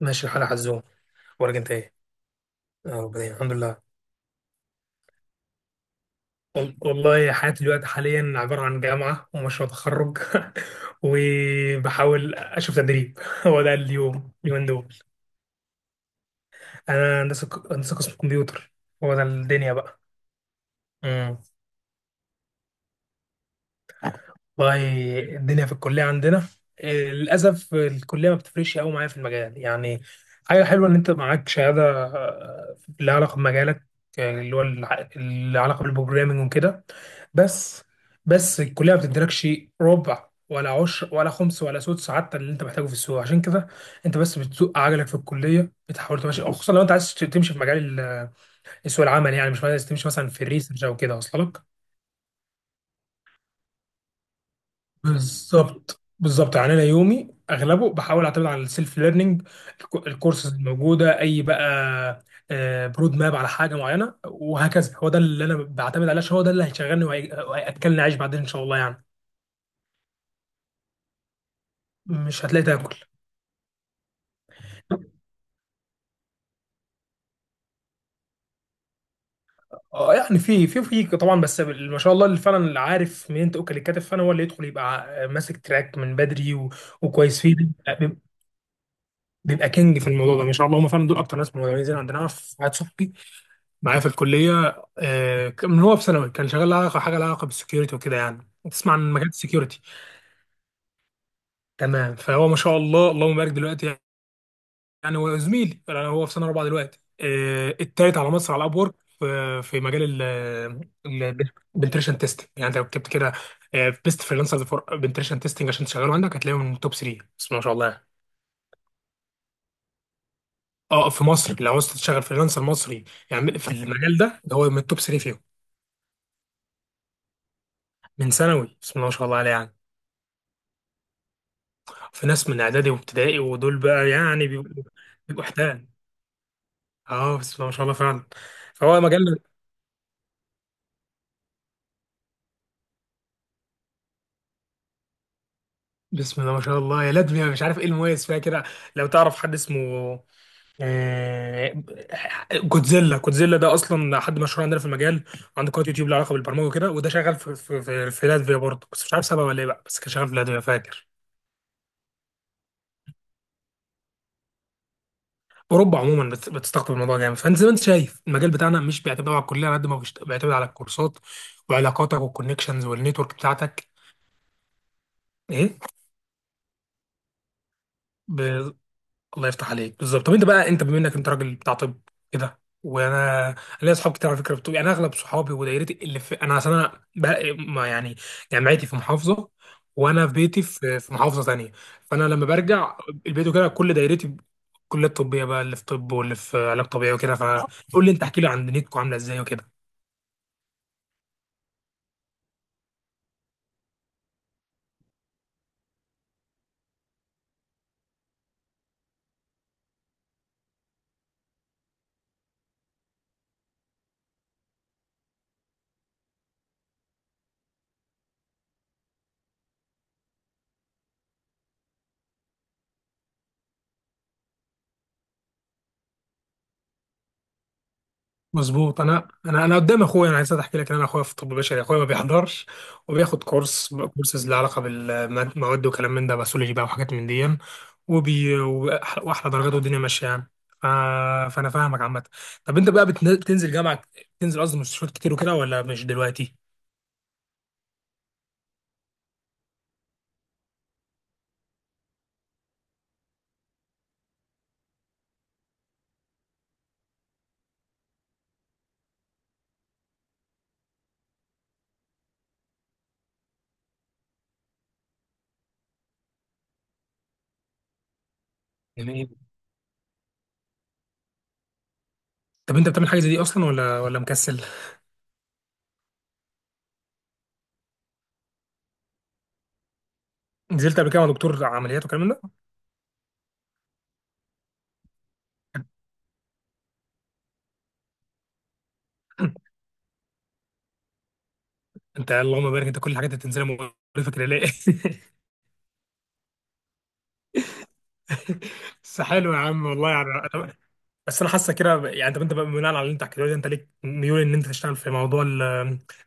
ماشي الحال يا حزوم، اخبارك انت ايه؟ اه، ربنا الحمد لله. والله حياتي دلوقتي حاليا عبارة عن جامعة ومشروع تخرج. وبحاول اشوف تدريب. هو ده اليوم اليومين دول. انا هندسة هندسة قسم كمبيوتر. هو ده الدنيا بقى. والله الدنيا في الكلية عندنا، للأسف الكلية ما بتفرقش قوي معايا في المجال، يعني. حاجة حلوة إن أنت معاك شهادة، لها علاقة بمجالك. اللي هو اللي علاقة بالبروجرامينج وكده. بس بس الكلية ما بتديلكش ربع ولا عشر ولا خمس ولا سدس، حتى اللي أنت محتاجه في السوق، عشان كده أنت بس بتسوق عجلك في الكلية، بتحاول تمشي، خصوصا لو أنت عايز تمشي في مجال سوق العمل، يعني مش عايز تمشي مثلا في الريسيرش أو كده أصلا. بالظبط، يعني انا يومي اغلبه بحاول اعتمد على السيلف ليرنينج، الكورسز الموجوده اي بقى. برود ماب على حاجه معينه وهكذا. هو ده اللي انا بعتمد عليه، عشان هو ده اللي هيشغلني وهياكلني عيش بعدين ان شاء الله، يعني. مش هتلاقي تاكل. اه، يعني في طبعا، بس ما شاء الله اللي فعلا عارف منين تاكل الكتف، فانا هو اللي يدخل يبقى ماسك تراك من بدري وكويس فيه. بيبقى كينج في الموضوع ده، ما شاء الله. هم فعلا دول اكتر ناس مميزين عندنا. أنا في واحد صاحبي معايا في الكليه، من هو في ثانوي كان شغال لها علاقه، حاجه لها علاقه بالسكيورتي وكده، يعني تسمع عن مجال السكيورتي. تمام. فهو ما شاء الله اللهم بارك دلوقتي، يعني هو زميلي، يعني هو في سنه رابعه دلوقتي، التالت على مصر على اب وورك في مجال البنتريشن تيست. يعني انت لو كتبت كده بيست فريلانسرز فور بنتريشن تيستنج عشان تشغله عندك، هتلاقيه من توب 3، بس ما شاء الله يعني. اه، في مصر لو عاوز تشتغل فريلانسر مصري يعني في المجال ده هو من التوب 3 فيهم. من ثانوي، بسم الله ما شاء الله عليه، يعني. في ناس من اعدادي وابتدائي، ودول بقى يعني بيبقوا، بيبقوا احتال. اه، بسم الله ما شاء الله فعلا. فهو مجال. بسم الله ما شاء الله يا لدمي، أنا مش عارف ايه المميز فيها كده. لو تعرف حد اسمه آه، جودزيلا، جودزيلا ده اصلا حد مشهور عندنا في المجال. عنده قناه يوتيوب لها علاقه بالبرمجه وكده، وده شغال في لاتفيا برضه، بس مش عارف سبب ولا ايه بقى، بس كان شغال في لاتفيا فاكر. اوروبا عموما بتستقطب الموضوع جامد. فانت زي ما انت شايف، المجال بتاعنا مش بيعتمد على الكليه على قد ما بيعتمد على الكورسات وعلاقاتك والكونكشنز والنتورك بتاعتك. ايه، الله يفتح عليك بالظبط. طب انت بقى، انت بما انك انت راجل بتاع طب كده، وانا ليا اصحاب كتير على فكره بتوع، يعني اغلب صحابي ودايرتي اللي في، انا اصل انا بقى ما يعني، جامعتي في محافظه، وانا في بيتي في محافظه ثانيه. فانا لما برجع البيت وكده، كل دايرتي كليات طبيه بقى، اللي في طب واللي في علاج طبيعي وكده، فقول لي انت، احكي لي عن دنيتكم عامله ازاي وكده. مظبوط. انا قدام اخويا، انا عايز احكي لك ان انا اخويا في طب بشري، اخويا ما بيحضرش، وبياخد كورسز لها علاقه بالمواد وكلام من ده، باثولوجي بقى وحاجات من دي، واحلى درجات، والدنيا ماشيه يعني. ف... فانا فاهمك عامه. طب انت بقى بتنزل جامعه، بتنزل قصدي مستشفيات كتير وكده، ولا مش دلوقتي؟ جميل. طب انت بتعمل حاجه زي دي اصلا ولا مكسل؟ نزلت قبل كده مع دكتور عمليات وكلام من ده؟ انت اللهم بارك، انت كل الحاجات اللي بتنزلها مقرفه كده ليه؟ بس حلو يا عم والله يعني. بس انا حاسه كده يعني. طب انت بقى بناء على اللي انت حكيته لي ده، انت ليك ميول ان انت تشتغل في موضوع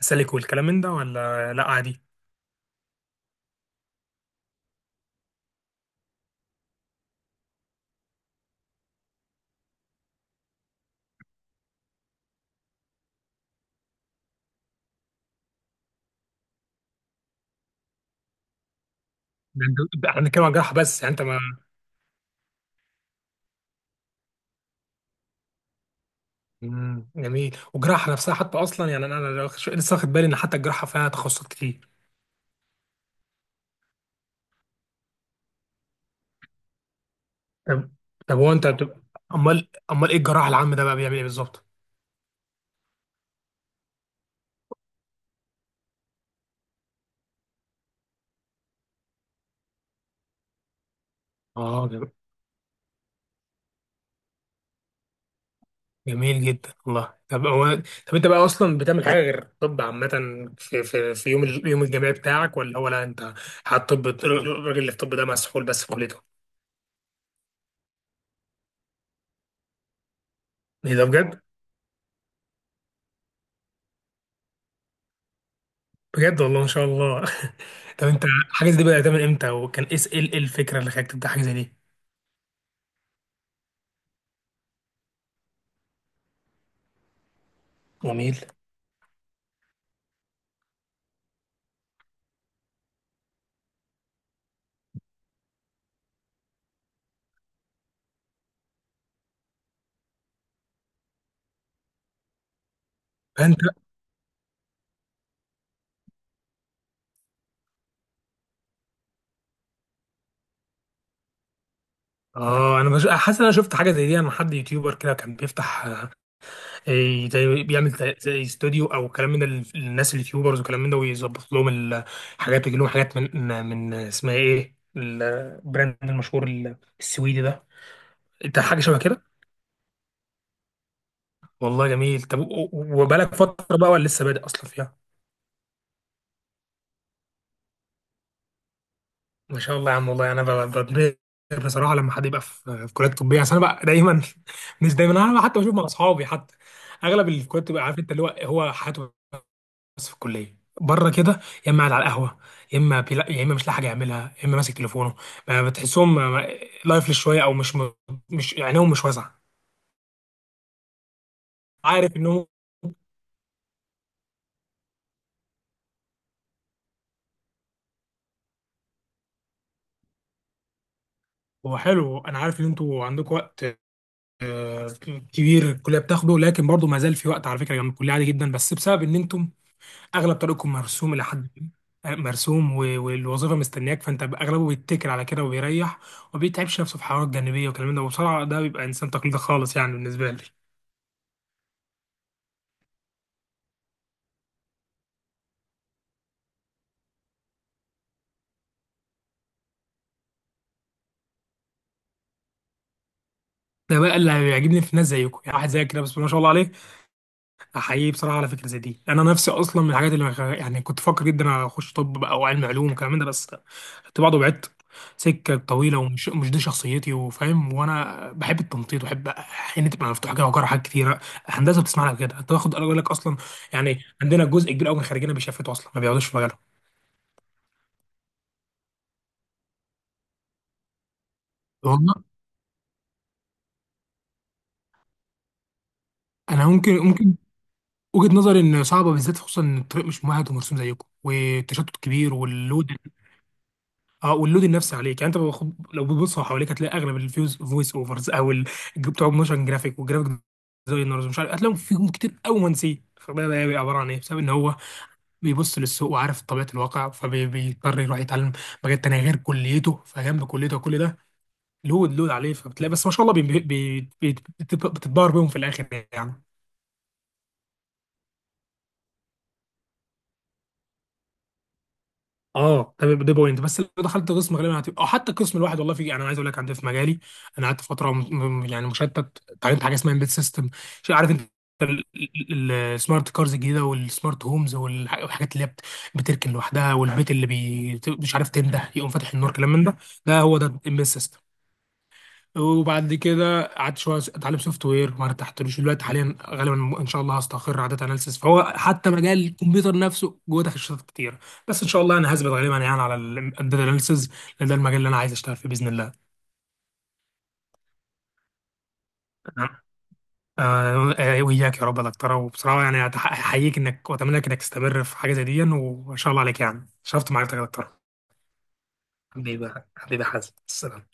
السلك والكلام من ده، ولا لا عادي؟ احنا بنتكلم عن جراحه بس، يعني انت ما. مم، جميل. والجراحه نفسها حتى اصلا، يعني انا لسه واخد بالي ان حتى الجراحه فيها تخصصات كتير. طب طب هو انت بتبقى، امال ايه الجراح العام ده بقى بيعمل ايه بالظبط؟ اه، جميل جدا والله. طب هو، طب انت بقى اصلا بتعمل حاجه غير طب عامه في يوم الجامعي بتاعك، ولا هو، لا، انت حاطط طب الراجل اللي في الطب ده مسحول بس في كليته؟ ايه ده، بجد؟ بجد والله ما شاء الله. طب انت، حاجه زي دي بدات من امتى؟ وكان ايه ايه الفكره اللي خلاك تبدا حاجه زي دي؟ جميل. فانت، اه، انا حاسس ان انا شفت حاجه زي دي. انا حد يوتيوبر كده كان بيفتح، إيه، زي بيعمل زي زي استوديو او كلام من الناس اليوتيوبرز وكلام من ده، ويظبط لهم الحاجات ويجي لهم حاجات من اسمها ايه، البراند المشهور السويدي ده، انت حاجه شبه كده. والله جميل. طب وبقالك فتره بقى، ولا لسه بادئ اصلا فيها؟ ما شاء الله يا عم والله، انا بتبهر بصراحه لما حد يبقى في كليات طبيه، عشان انا بقى دايما، مش دايما، انا حتى بشوف مع اصحابي حتى اغلب الكليات بتبقى، عارف انت، اللي هو حياته بس في الكليه بره كده، يا اما قاعد على القهوه، يا اما مش لاقي حاجه يعملها، يا اما ماسك تليفونه. ما بتحسهم، لايفلس شويه، او مش عينيهم مش واسعه، عارف انه. هو حلو، انا عارف ان انتوا عندكم وقت آه، كبير، الكليه بتاخده، لكن برضه ما زال في وقت على فكره جنب الكليه عادي جدا، بس بسبب ان انتم اغلب طريقكم مرسوم الى حد ما، مرسوم والوظيفه مستنياك، فانت اغلبه بيتكل على كده وبيريح، وما بيتعبش نفسه في حوارات جانبيه والكلام ده. وبصراحه ده بيبقى انسان تقليدي خالص، يعني بالنسبه لي. ده بقى اللي بيعجبني في ناس زيكم، يعني واحد زيك كده، بس ما شاء الله عليه. احييه بصراحه على فكره زي دي. انا نفسي اصلا من الحاجات اللي يعني، كنت فاكر جدا اخش طب بقى او علم علوم وكلام من ده، بس كنت بعض وبعدت، سكه طويله ومش مش دي شخصيتي، وفاهم، وانا بحب التنطيط وبحب حين تبقى مفتوحه كده وجرى حاجات كتيره. هندسه بتسمع لك كده، انت واخد اقول لك اصلا، يعني عندنا جزء كبير قوي من خريجنا بيشفتوا اصلا ما بيقعدوش في مجالهم. والله، انا ممكن وجهة نظري ان صعبه بالذات، خصوصا ان الطريق مش ممهد ومرسوم زيكم، والتشتت كبير، واللود، اه، واللود النفسي عليك، يعني انت، لو بتبص حواليك هتلاقي اغلب الفيوز فويس اوفرز او بتوع موشن جرافيك والجرافيك ديزاينرز ومش عارف، هتلاقيهم فيهم كتير قوي منسي. فده بقى بيبقى عباره عن ايه؟ بسبب ان هو بيبص للسوق وعارف طبيعه الواقع، فبيضطر يروح يتعلم مجال تاني غير كليته، فجنب كليته وكل ده لود عليه، فبتلاقي، بس ما شاء الله، بتتبهر بيهم في الاخر يعني. اه، ده بوينت، بس لو دخلت قسم غالبا هتبقى، او حتى القسم الواحد والله في، يعني انا عايز اقول لك عندي في مجالي، انا قعدت فتره يعني مشتت، اتعلمت حاجه اسمها امبيد سيستم، عارف انت، السمارت كارز الجديده والسمارت هومز، والحاجات اللي هي بتركن لوحدها، والبيت اللي مش عارف، تنده يقوم فاتح النور، كلام من ده. ده هو ده الامبيد سيستم. وبعد كده قعدت شويه اتعلم سوفت وير، ما ارتحتلوش. دلوقتي حاليا غالبا ان شاء الله هستقر على داتا اناليسيس، فهو حتى مجال الكمبيوتر نفسه جوه تخصصات كتير. بس ان شاء الله انا هثبت غالبا، يعني على الداتا اناليسيس، لان ده المجال اللي انا عايز اشتغل فيه باذن الله. آه، آه، وإياك يا رب يا دكتورة. وبصراحة يعني أحييك إنك، وأتمنى لك إنك تستمر في حاجة زي دي، وإن شاء الله عليك. يعني شرفت معرفتك يا دكتورة. حبيبي حبيبي، حازم السلام.